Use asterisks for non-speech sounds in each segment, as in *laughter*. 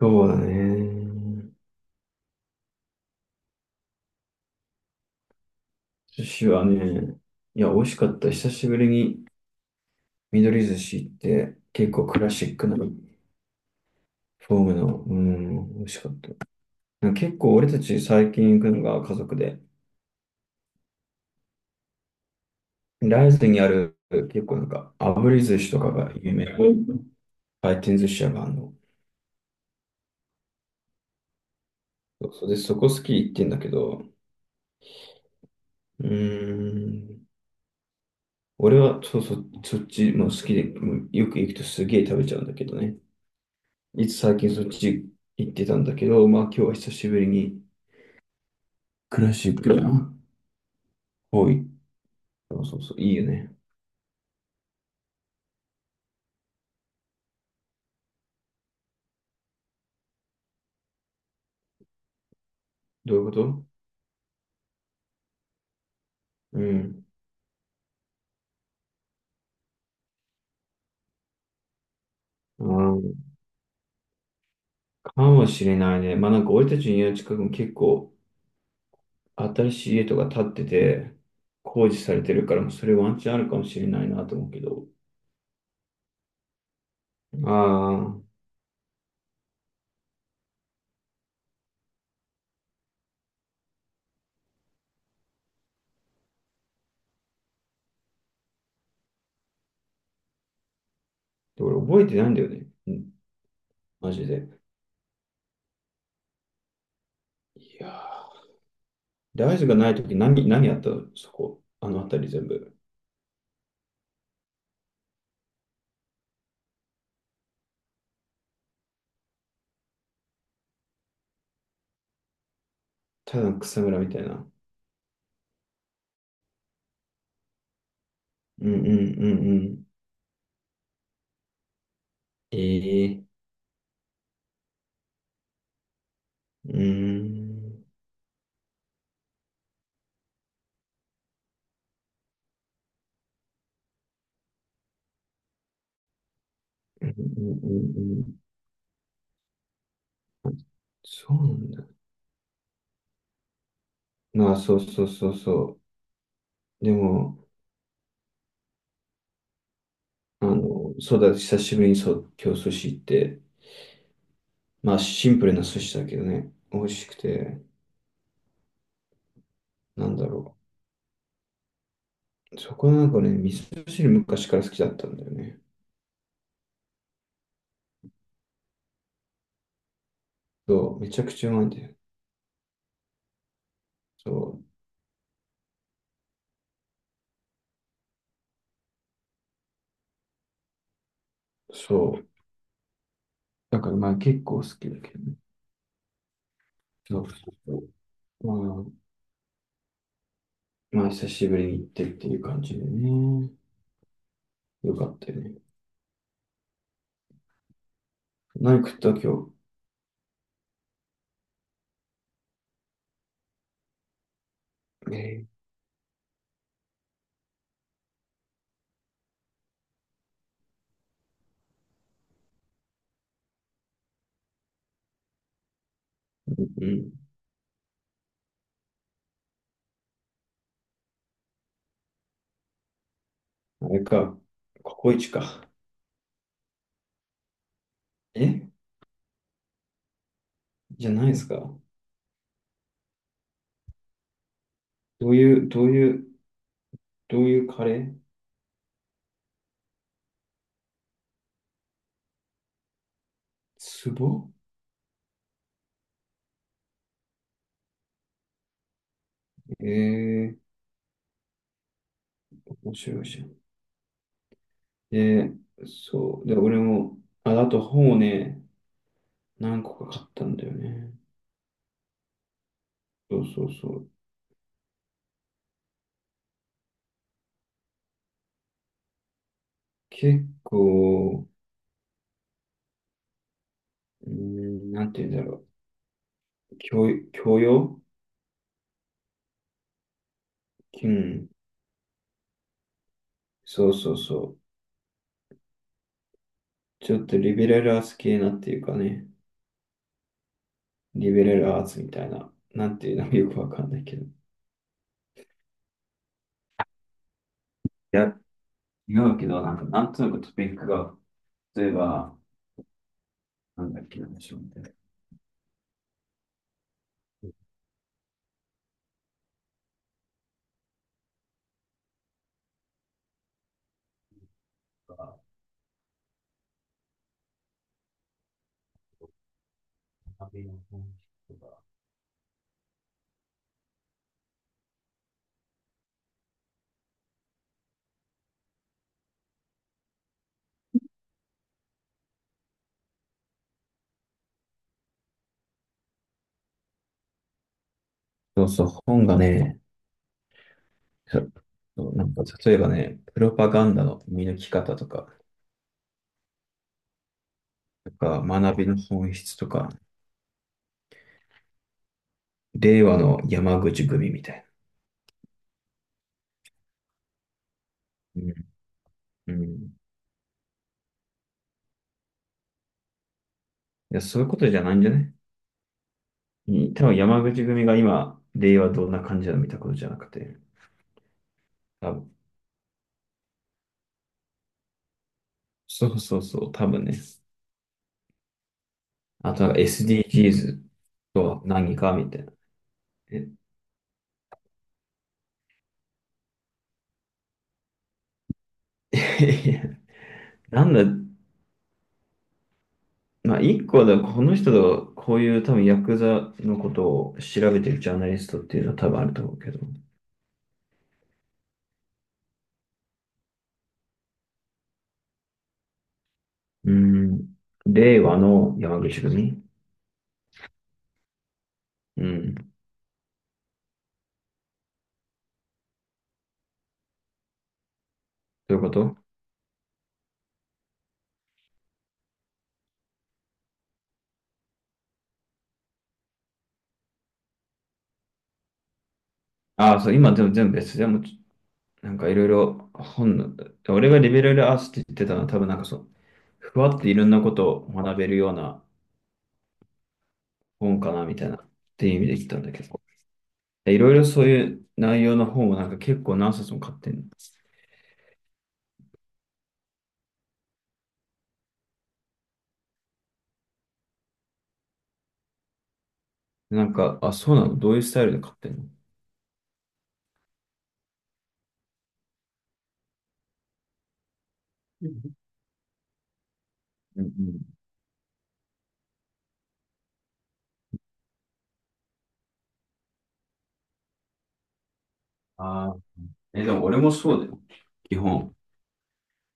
そうだね。寿司はね、いや、美味しかった。久しぶりに緑寿司行って、結構クラシックなフォームの、美味しかった。なんか結構俺たち最近行くのが家族で、ライズにある結構なんか炙り寿司とかが有名な回転寿司屋があるの。そうそうで、そこ好き行ってんだけど、うーん、俺はそうそう、そっちも好きで、うんよく行くとすげえ食べちゃうんだけどね。いつ最近そっち行ってたんだけど、まあ今日は久しぶりにクラシックだな。多い。そうそうそう、いいよね。どういうこと？うん。あー、かもしれないね。まあなんか俺たちの家の近くも結構新しい家とか建ってて、工事されてるから、もうそれワンチャンあるかもしれないなと思うけど。ああ、で俺覚えてないんだよね。うん、マジで。いやー大豆がない時何、何あったのそこ。あの辺り全部。ただの草むらみたいな。うんうん。うん。ええ。うーん、うんうんうんうん。そうなんだ。まあ、そうそうそうそう。でも、そうだ、久しぶりにそう、今日寿司行って、まあ、シンプルな寿司だけどね、美味しくて、なんだろう。そこはなんかね、味噌汁昔から好きだったんだよね。そう、めちゃくちゃうまいんだよ。そう、そう。だからまあ、結構好きだけどね。そうそうそう。まあ、まあ、久しぶりに行ってっていう感じでね。よかったよね。何食った今日。え、うん。あれか。ココイチか。えじゃないですか。どういう、どういう、どういうカレー？ツボ。ええー、面白いじゃん。で、そう。で、俺も、あ、あと本をね、何個か買ったんだよね。そうそうそう。結構、なんて言うんだろう。教養。うん。そうそうそう。ちょっとリベラルアーツ系なっていうかね。リベラルアーツみたいな。なんていうのもよくわかんないけど。や違うけど、なんか、なんとなくトピックが、例えば、なんだっけ、なんでしょうね。旅の本とか。そうそう、本がね、そうそうなんか例えばね、プロパガンダの見抜き方とか、とか学びの本質とか、令和の山口組みたいな。うん。うん。いや、そういうことじゃないんじゃない？うん多分山口組が今、令和どんな感じなの見たことじゃなくて、多分。そうそうそう、多分ね。あとなんか SDGs とは何かみたいな。え。 *laughs* なんだ、まあ、一個だ、この人とこういう多分ヤクザのことを調べてるジャーナリストっていうのは多分あると思うけど。うん。令和の山口組。うん。そういうこと。ああ、そう、今でも全部別。でも、ち、なんかいろいろ本の、俺がリベラルアーツって言ってたのは多分なんかそう、ふわっていろんなことを学べるような本かなみたいなっていう意味で来たんだけど。でいろいろそういう内容の本をなんか結構何冊も買ってんの。なんか、あ、そうなの？どういうスタイルで買ってんの？うんうんうん。ああ、え、でも俺もそうだよ、基本。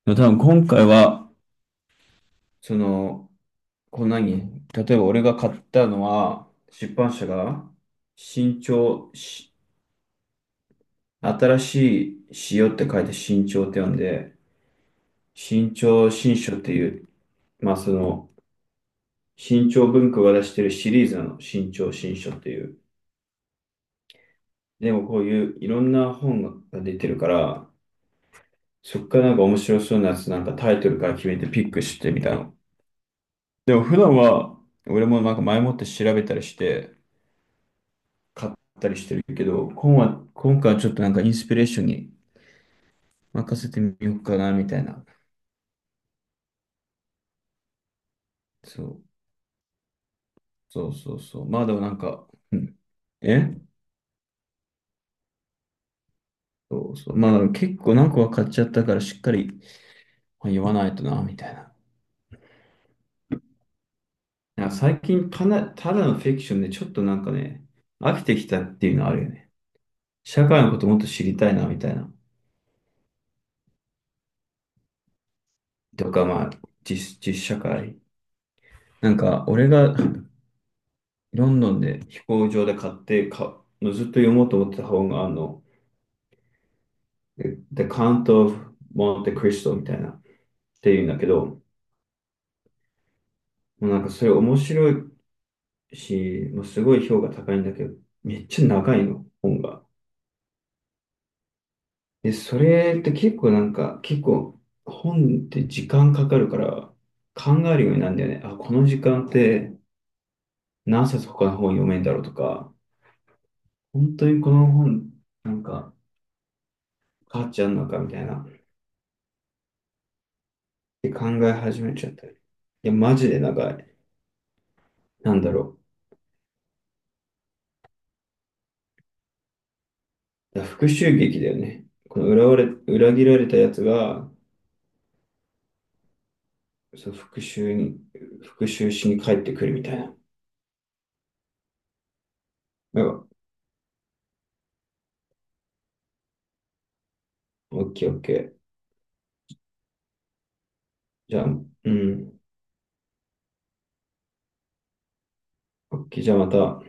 でも多分今回は、その、こう何、例えば俺が買ったのは、出版社が、新潮し、新しい潮って書いて新潮って呼んで、新潮新書っていう、まあその、新潮文庫が出してるシリーズなの、新潮新書っていう。でもこういういろんな本が出てるから、そっからなんか面白そうなやつなんかタイトルから決めてピックしてみたいな。でも普段は俺もなんか前もって調べたりして買ったりしてるけど、今は、今回はちょっとなんかインスピレーションに任せてみようかなみたいな。そう、そうそうそう。まあでもなんか、うん、え、そうそう。まあでも結構何個は買っちゃったからしっかり言わないとなみたいな。なんか最近たな、ただのフィクションでちょっとなんかね、飽きてきたっていうのあるよね。社会のこともっと知りたいなみたいな。とか、まあ、実社会。なんか、俺がロンドンで飛行場で買ってか、ずっと読もうと思ってた本が、あの、The Count of Monte Cristo みたいな、っていうんだけど、もうなんかそれ面白いし、もうすごい評価高いんだけど、めっちゃ長いの、本が。で、それって結構なんか、結構、本って時間かかるから、考えるようになるんだよね。あ、この時間って何冊他の本読めんだろうとか、本当にこの本、なんか、変わっちゃうのかみたいな。って考え始めちゃったり、いや、マジでなんか、なんだろう。だ復讐劇だよね。この裏切られたやつが、そう復讐に、復讐しに帰ってくるみたいな。なんか、オッケーオッケー。じゃあ、うん。オッケー。じゃあまた